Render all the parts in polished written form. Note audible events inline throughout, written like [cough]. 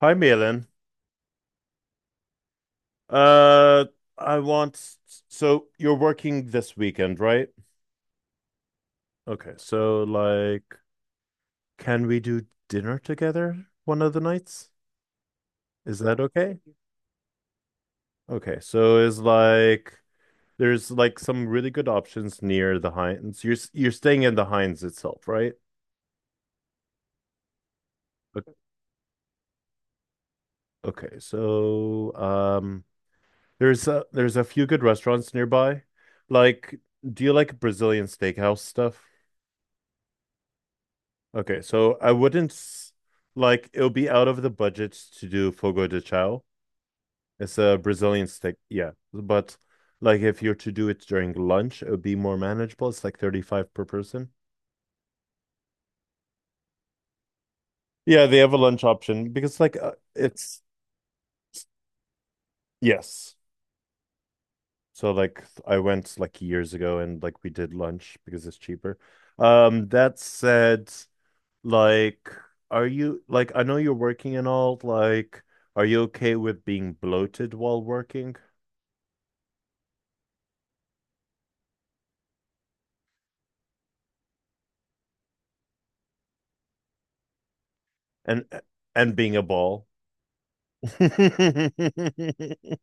Hi, Malin. Uh, I want, so you're working this weekend, right? Okay, so like, can we do dinner together one of the nights? Is that okay? Okay, so is like, there's like some really good options near the Heinz. You're staying in the Heinz itself, right? O- Okay, so there's a few good restaurants nearby. Like, do you like Brazilian steakhouse stuff? Okay, so I wouldn't s- like it'll be out of the budget to do fogo de chão. It's a Brazilian steak, yeah. But like if you're to do it during lunch, it would be more manageable. It's like 35 per person. Yeah, they have a lunch option because like it's. Yes. So like I went like years ago and like we did lunch because it's cheaper. That said, like like, I know you're working and all like are you okay with being bloated while working? and and being a ball. [laughs]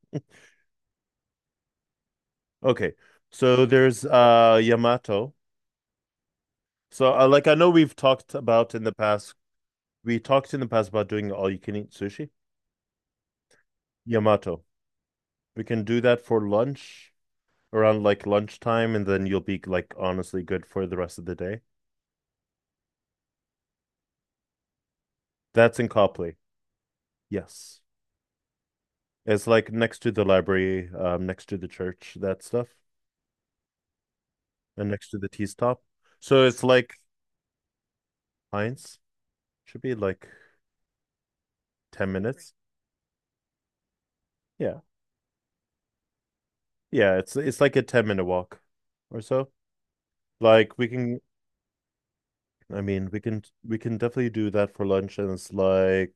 Okay, so there's Yamato. So like I know we've talked about in the past, we talked in the past about doing all you can eat sushi. Yamato. We can do that for lunch around like lunchtime, and then you'll be like honestly good for the rest of the day. That's in Copley. Yes. It's like next to the library, next to the church, that stuff, and next to the tea stop. So it's like Heinz. Should be like 10 minutes. Yeah, yeah, it's like a 10-minute walk or so. Like we can I mean, we can definitely do that for lunch and it's like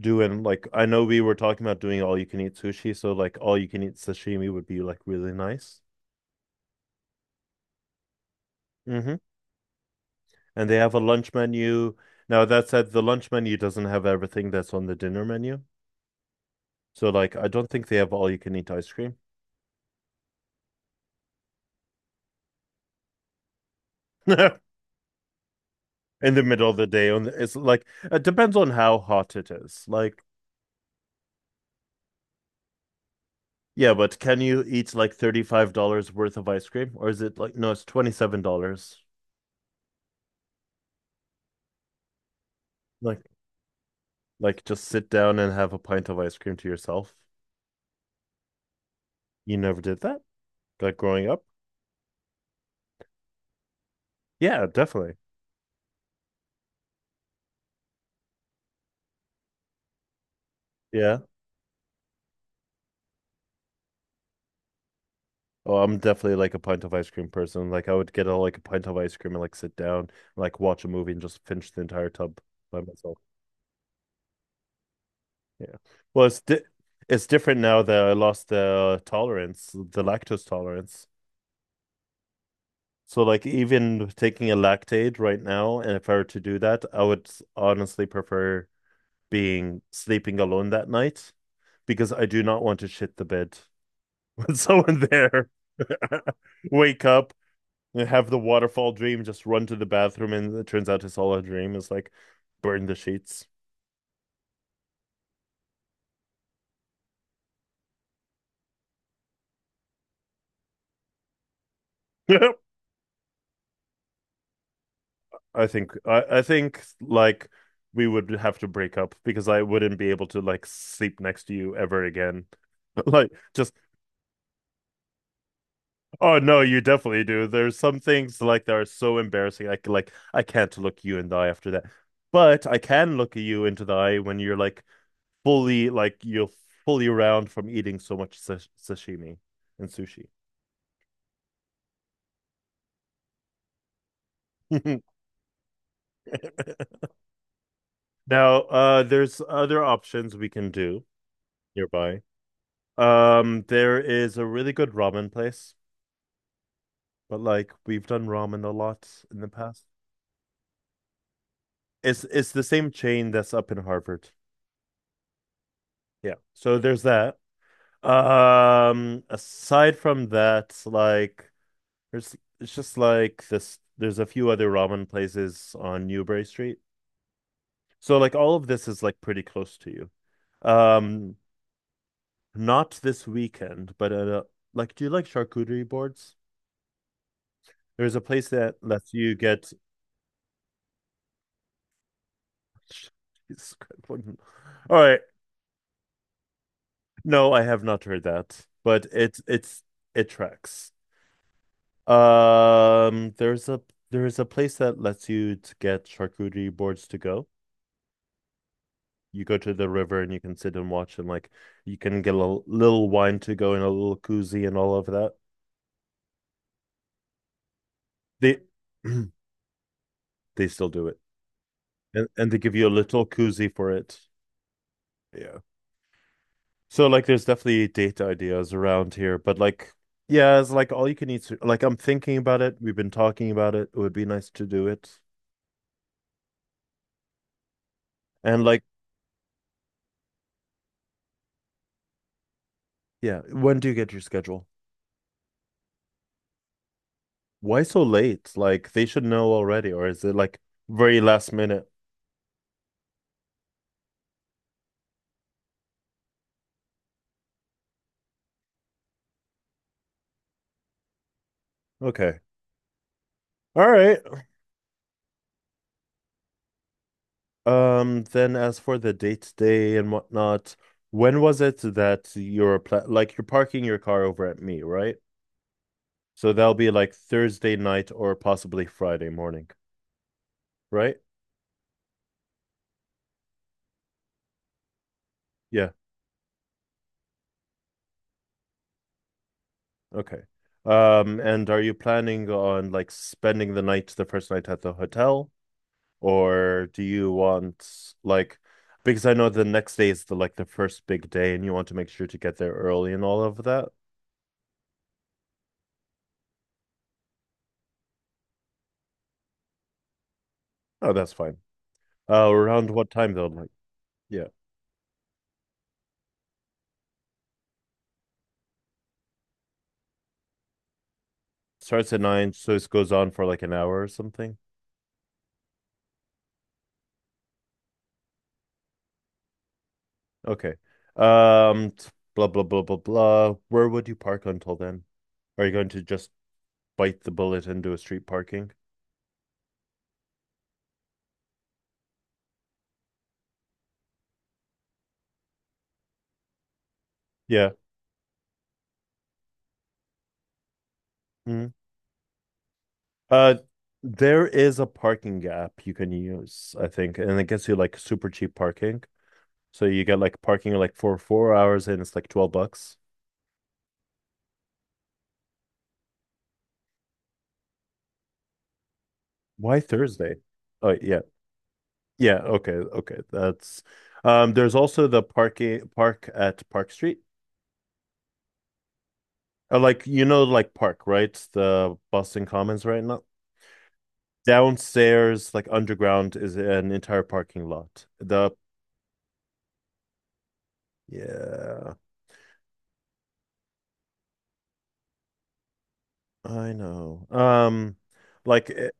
doing like I know we were talking about doing all you can eat sushi, so like all you can eat sashimi would be like really nice. Hmm. And they have a lunch menu. Now that said, the lunch menu doesn't have everything that's on the dinner menu. So like I don't think they have all you can eat ice cream [laughs] in the middle of the day on it's like it depends on how hot it is. Like yeah, but can you eat like $35 worth of ice cream? Or is it like, no, it's $27. Like, like just sit down and have a pint of ice cream to yourself. You never did that? Like growing up? Yeah, definitely. Yeah. Oh, I'm definitely like a pint of ice cream person. Like I would get like a pint of ice cream and like sit down, like watch a movie and just finish the entire tub by myself. Yeah. Well, it's di it's different now that I lost the tolerance, the lactose tolerance. So like even taking a lactaid right now, and if I were to do that, I would honestly prefer being sleeping alone that night because I do not want to shit the bed [laughs] with someone there. [laughs] Wake up and have the waterfall dream, just run to the bathroom, and it turns out it's all a dream. It's like burn the sheets. [laughs] I I think like we would have to break up because I wouldn't be able to like sleep next to you ever again. [laughs] Like just Oh no, you definitely do. There's some things like that are so embarrassing. Like I can't look you in the eye after that. But I can look you into the eye when you're like fully like you're fully round from eating so much sashimi and sushi. [laughs] Now, there's other options we can do nearby. There is a really good ramen place, but like we've done ramen a lot in the past. It's the same chain that's up in Harvard. Yeah. So there's that. Aside from that, like there's it's just like this there's a few other ramen places on Newbury Street. So like all of this is like pretty close to you. Um, not this weekend, but like do you like charcuterie boards? There's a place that lets you get [laughs] Jesus Christ, all right. No, I have not heard that, but it's it tracks. Um, there's a there's a place that lets you to get charcuterie boards to go. You go to the river and you can sit and watch and like you can get a little wine to go and a little koozie and all of that. They [clears throat] they still do it. And they give you a little koozie for it. Yeah. So like there's definitely date ideas around here, but like yeah, it's like all you can eat. Like I'm thinking about it. We've been talking about it. It would be nice to do it. And like yeah, when do you get your schedule? Why so late? Like they should know already, or is it like very last minute? Okay. All right. Then as for the date day and whatnot, when was it that you're pla like you're parking your car over at me, right? So that'll be like Thursday night or possibly Friday morning, right? Yeah. Okay. And are you planning on like spending the night, the first night at the hotel? Or do you want like because I know the next day is the like the first big day and you want to make sure to get there early and all of that? Oh, that's fine. Around what time though? Like, yeah. Starts at nine, so this goes on for like an hour or something. Okay. Um, t- blah blah blah blah blah. Where would you park until then? Are you going to just bite the bullet and do a street parking? Yeah. Mhm. Uh, there is a parking app you can use, I think, and it gets you like super cheap parking. So you get like parking like for 4 hours and it's like 12 bucks. Why Thursday? Oh yeah. Yeah, okay, okay. That's there's also the parking park at Park Street. Like you know like Park, right? The Boston Commons right now. Downstairs, like underground is an entire parking lot. The yeah, I know. Like eh,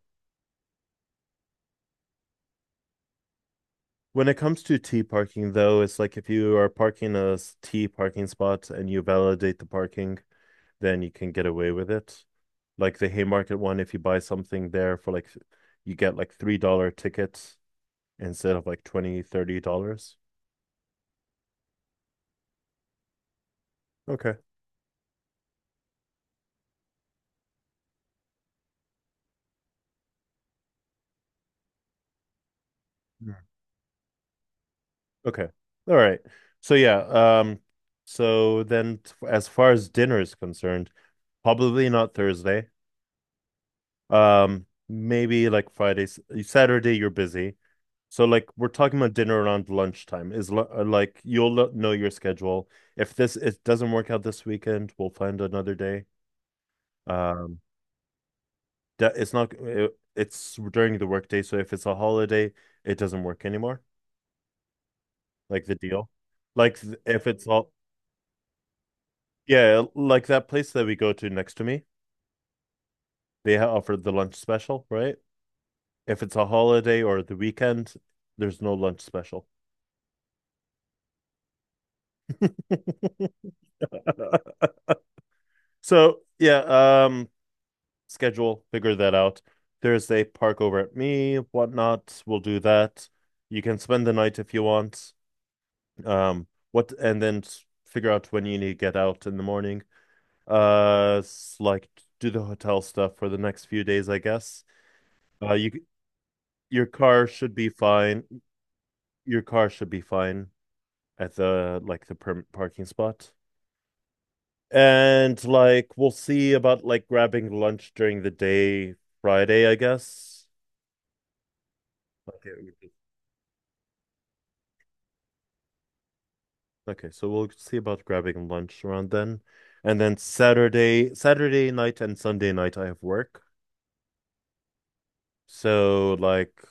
When it comes to T parking, though, it's like if you are parking T parking spot and you validate the parking, then you can get away with it. Like the Haymarket one, if you buy something there for like, you get like $3 tickets instead of like $20, $30. Okay. Mm. Okay. All right. So yeah, um, so then as far as dinner is concerned, probably not Thursday. Maybe like Friday, Saturday you're busy. So like we're talking about dinner around lunchtime is like you'll know your schedule. If this it doesn't work out this weekend, we'll find another day. Um, that it's not it, it's during the workday, so if it's a holiday, it doesn't work anymore. Like the deal, if it's all yeah, like that place that we go to next to me, they offer the lunch special, right? If it's a holiday or the weekend, there's no lunch special. [laughs] So yeah, um, schedule, figure that out. Thursday, park over at me, whatnot. We'll do that. You can spend the night if you want. What and then figure out when you need to get out in the morning. Like do the hotel stuff for the next few days, I guess. Uh, you c- your car should be fine. Your car should be fine at the like the perm parking spot. And like we'll see about like grabbing lunch during the day Friday, I guess. Okay. Okay, so we'll see about grabbing lunch around then. And then Saturday, Saturday night and Sunday night I have work. So like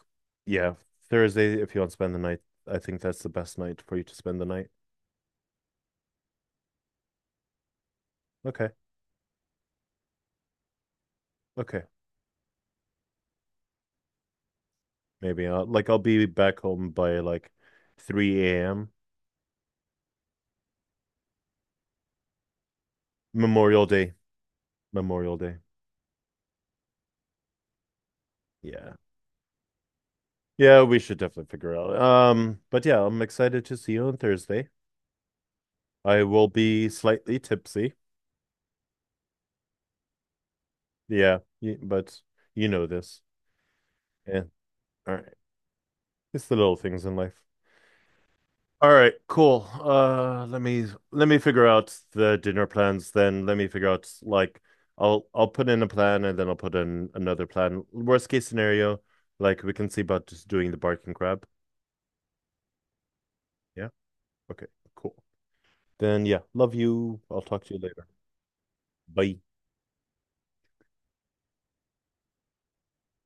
yeah, Thursday if you want to spend the night, I think that's the best night for you to spend the night. Okay. Okay. Maybe I'll be back home by like 3 a.m. Memorial Day. Memorial Day. Yeah. Yeah, we should definitely figure out. But yeah, I'm excited to see you on Thursday. I will be slightly tipsy. But you know this. Yeah. All right. It's the little things in life. All right, cool. Let me figure out the dinner plans then. Let me figure out like I'll put in a plan and then I'll put in another plan. Worst case scenario, like we can see about just doing the barking crab. Yeah. Okay, cool. Then yeah, love you. I'll talk to you later. Bye.